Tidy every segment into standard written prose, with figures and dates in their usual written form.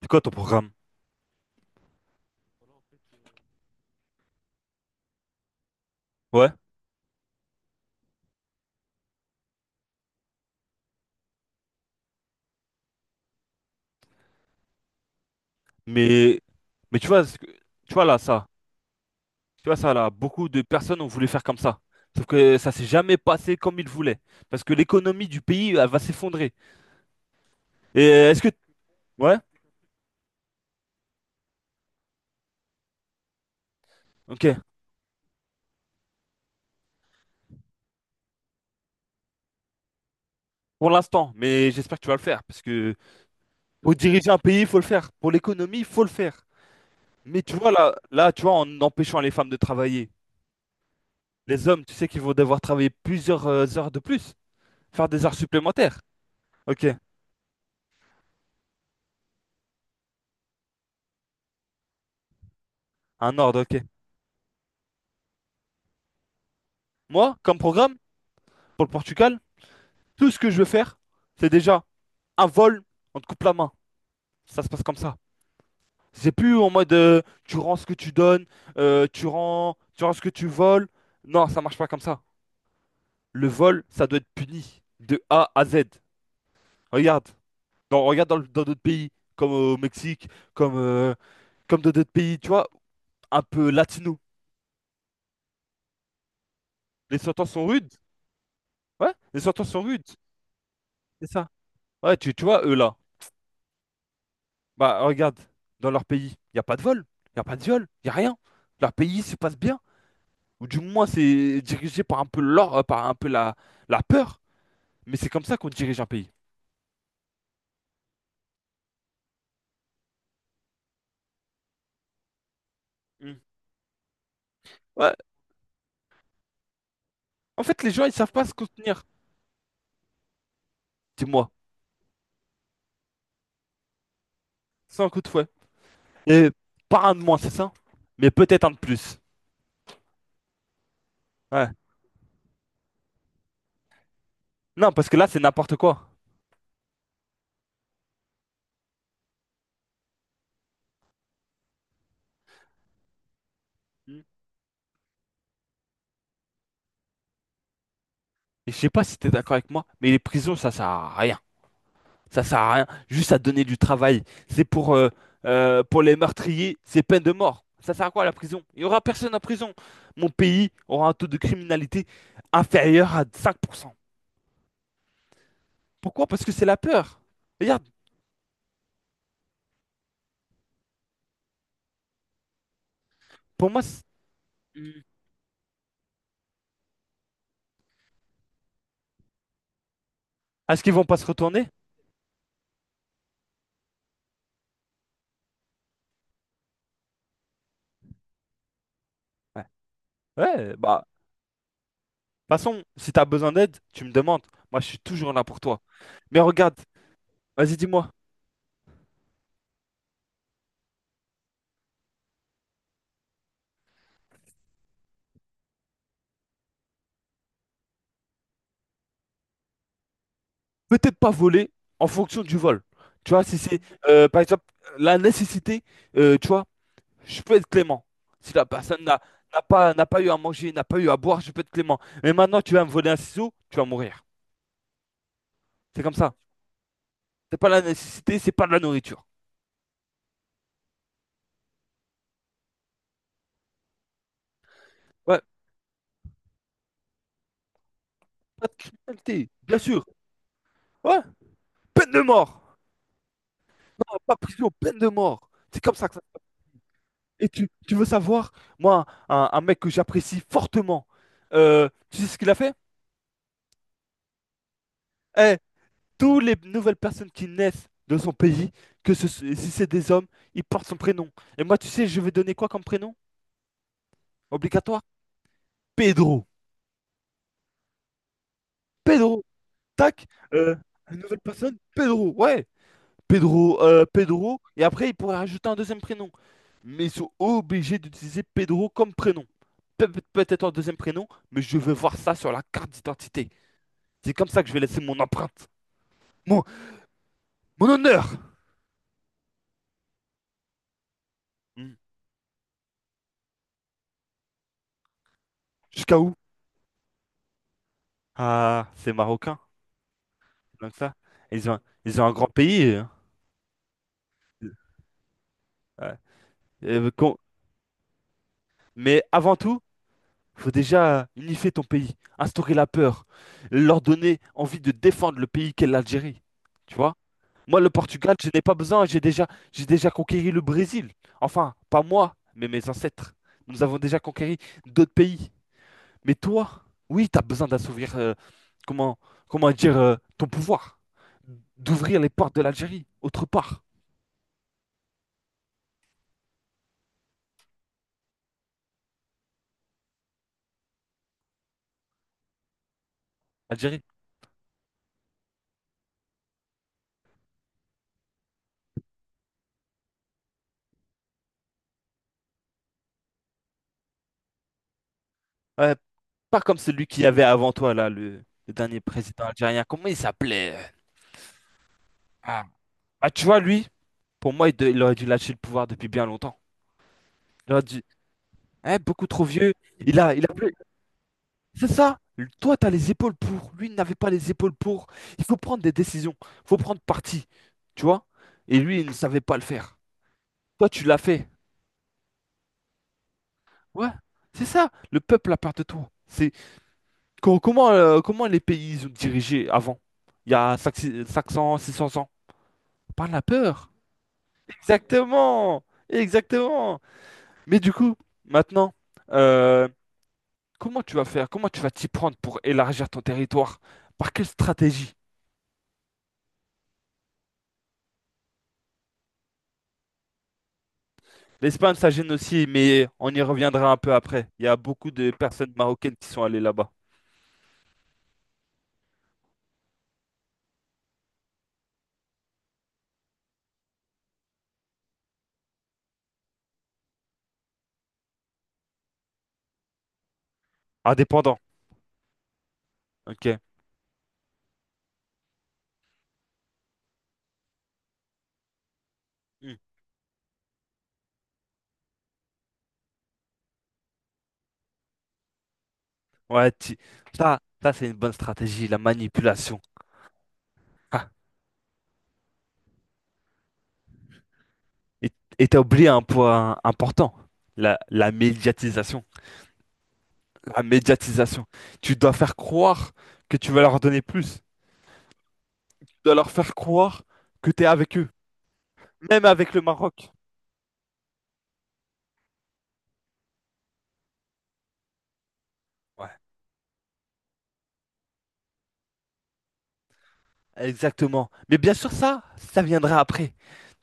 C'est quoi ton programme? Ouais. Mais, mais tu vois, tu vois là, ça. Tu vois ça là, beaucoup de personnes ont voulu faire comme ça. Sauf que ça s'est jamais passé comme ils voulaient. Parce que l'économie du pays, elle va s'effondrer. Et est-ce que... Ouais, ok. Pour l'instant, mais j'espère que tu vas le faire. Parce que pour diriger un pays, il faut le faire. Pour l'économie, il faut le faire. Mais tu vois là, tu vois, en empêchant les femmes de travailler, les hommes, tu sais qu'ils vont devoir travailler plusieurs heures de plus, faire des heures supplémentaires. Ok, un ordre, ok. Moi, comme programme, pour le Portugal, tout ce que je veux faire, c'est déjà un vol, on te coupe la main. Ça se passe comme ça. C'est plus en mode tu rends ce que tu donnes, tu rends ce que tu voles. Non, ça marche pas comme ça. Le vol, ça doit être puni de A à Z. Regarde, regarde, dans d'autres pays, comme au Mexique, comme, euh, comme dans d'autres pays, tu vois, un peu latino. Les sentences sont rudes. Ouais, les sentences sont rudes. C'est ça. Ouais, tu vois, eux là. Bah, regarde, dans leur pays, il n'y a pas de vol, il n'y a pas de viol, il n'y a rien. Leur pays se passe bien, ou du moins c'est dirigé par un peu l'or, par un peu la peur, mais c'est comme ça qu'on dirige un pays. Mm. Ouais. En fait, les gens, ils savent pas se contenir, dis-moi, c'est un coup de fouet. Et pas un de moins, c'est ça, mais peut-être un de plus. Ouais. Non, parce que là, c'est n'importe quoi. Mm. Et je sais pas si t'es d'accord avec moi, mais les prisons, ça sert à rien. Ça sert à rien, juste à donner du travail. C'est pour les meurtriers, c'est peine de mort. Ça sert à quoi la prison? Il y aura personne en prison. Mon pays aura un taux de criminalité inférieur à 5%. Pourquoi? Parce que c'est la peur. Regarde, pour moi, Mm. Est-ce qu'ils vont pas se retourner? Ouais. Ouais, bah, de toute façon, si t'as besoin d'aide, tu me demandes. Moi, je suis toujours là pour toi. Mais regarde, vas-y, dis-moi. Peut-être pas voler en fonction du vol. Tu vois, si c'est, par exemple, la nécessité, tu vois, je peux être clément. Si la personne n'a pas, n'a pas eu à manger, n'a pas eu à boire, je peux être clément. Mais maintenant, tu vas me voler un ciseau, tu vas mourir. C'est comme ça. C'est pas la nécessité, c'est pas de la nourriture. Ouais, pas de criminalité, bien sûr. Ouais, peine de mort. Non, pas prison, peine de mort. C'est comme ça que ça. Et tu veux savoir, moi, un mec que j'apprécie fortement, tu sais ce qu'il a fait? Eh, toutes les nouvelles personnes qui naissent de son pays, si c'est des hommes, ils portent son prénom. Et moi, tu sais, je vais donner quoi comme prénom? Obligatoire? Pedro. Pedro. Tac. euh, une nouvelle personne? Pedro. Ouais. Pedro, et après, il pourrait rajouter un deuxième prénom. Mais ils sont obligés d'utiliser Pedro comme prénom. Peut-être un deuxième prénom, mais je veux voir ça sur la carte d'identité. C'est comme ça que je vais laisser mon empreinte. Mon, mon honneur! Hmm. Jusqu'à où? Ah, c'est marocain, donc ça. Ils ont, ils ont un grand pays. Hein. Ouais. Euh, qu'on- Mais avant tout, faut déjà unifier ton pays, instaurer la peur, leur donner envie de défendre le pays qu'est l'Algérie. Tu vois? Moi, le Portugal, je n'ai pas besoin. j'ai déjà, conquéri le Brésil. Enfin, pas moi, mais mes ancêtres. Nous avons déjà conquéri d'autres pays. Mais toi, oui, tu as besoin d'assouvir, comment, comment dire, ton pouvoir. D'ouvrir les portes de l'Algérie, autre part. Algérie. Ouais, pas comme celui qui avait avant toi, là, le dernier président algérien. Comment il s'appelait? Ah, Ah, tu vois, lui, pour moi, il aurait dû lâcher le pouvoir depuis bien longtemps. Il aurait dû. Hein, beaucoup trop vieux. Il a plus. C'est ça. Toi, tu as les épaules pour. Lui, il n'avait pas les épaules pour. Il faut prendre des décisions. Il faut prendre parti. Tu vois? Et lui, il ne savait pas le faire. Toi, tu l'as fait. Ouais. C'est ça. Le peuple a peur de toi. C'est comment les pays ils ont dirigé avant? Il y a cinq cents, 600 ans. Par la peur. Exactement. Exactement. Mais du coup, maintenant, euh, comment tu vas faire? Comment tu vas t'y prendre pour élargir ton territoire? Par quelle stratégie? L'Espagne, ça gêne aussi, mais on y reviendra un peu après. Il y a beaucoup de personnes marocaines qui sont allées là-bas. Indépendants, ok. Hmm. Ouais, ça, ça c'est une bonne stratégie, la manipulation. Ah, Et et t'as oublié un point important, la médiatisation. La médiatisation. Tu dois faire croire que tu vas leur donner plus. Tu dois leur faire croire que t'es avec eux, même avec le Maroc. Ouais. Exactement. Mais bien sûr, ça viendra après.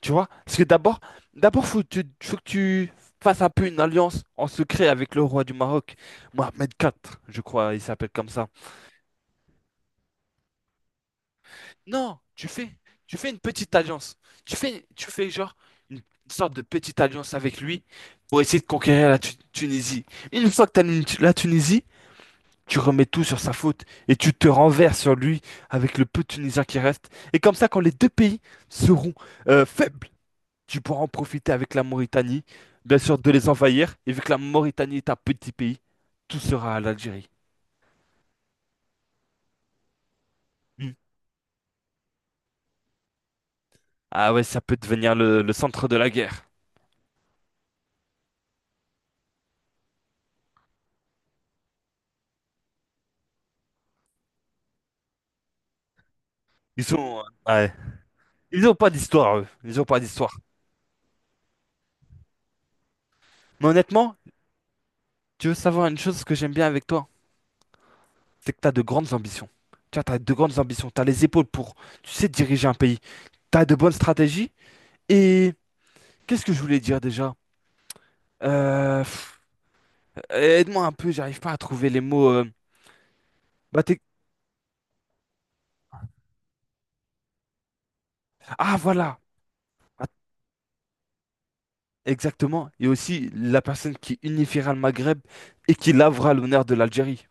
Tu vois? Parce que d'abord, faut que tu fasses un peu une alliance en secret avec le roi du Maroc, Mohamed IV, je crois, il s'appelle comme ça. Non, tu fais, une petite alliance. Tu fais genre une sorte de petite alliance avec lui pour essayer de conquérir la Tunisie. Une fois que tu as la Tunisie, tu remets tout sur sa faute et tu te renverses sur lui avec le peu de Tunisiens qui restent. Et comme ça, quand les deux pays seront faibles, tu pourras en profiter avec la Mauritanie, bien sûr de les envahir, et vu que la Mauritanie est un petit pays, tout sera à l'Algérie. Hmm. Ah ouais, ça peut devenir le centre de la guerre. Ils sont. Ouais. Ils ont pas d'histoire, eux. Ils ont pas d'histoire. Mais honnêtement, tu veux savoir une chose que j'aime bien avec toi? C'est que t'as de grandes ambitions. Tu vois, t'as de grandes ambitions. T'as les épaules pour, tu sais, diriger un pays. T'as de bonnes stratégies. Et qu'est-ce que je voulais dire déjà? Euh, pff, Aide-moi un peu, j'arrive pas à trouver les mots. Bah, Ah voilà! Exactement. Et aussi la personne qui unifiera le Maghreb et qui lavera l'honneur de l'Algérie.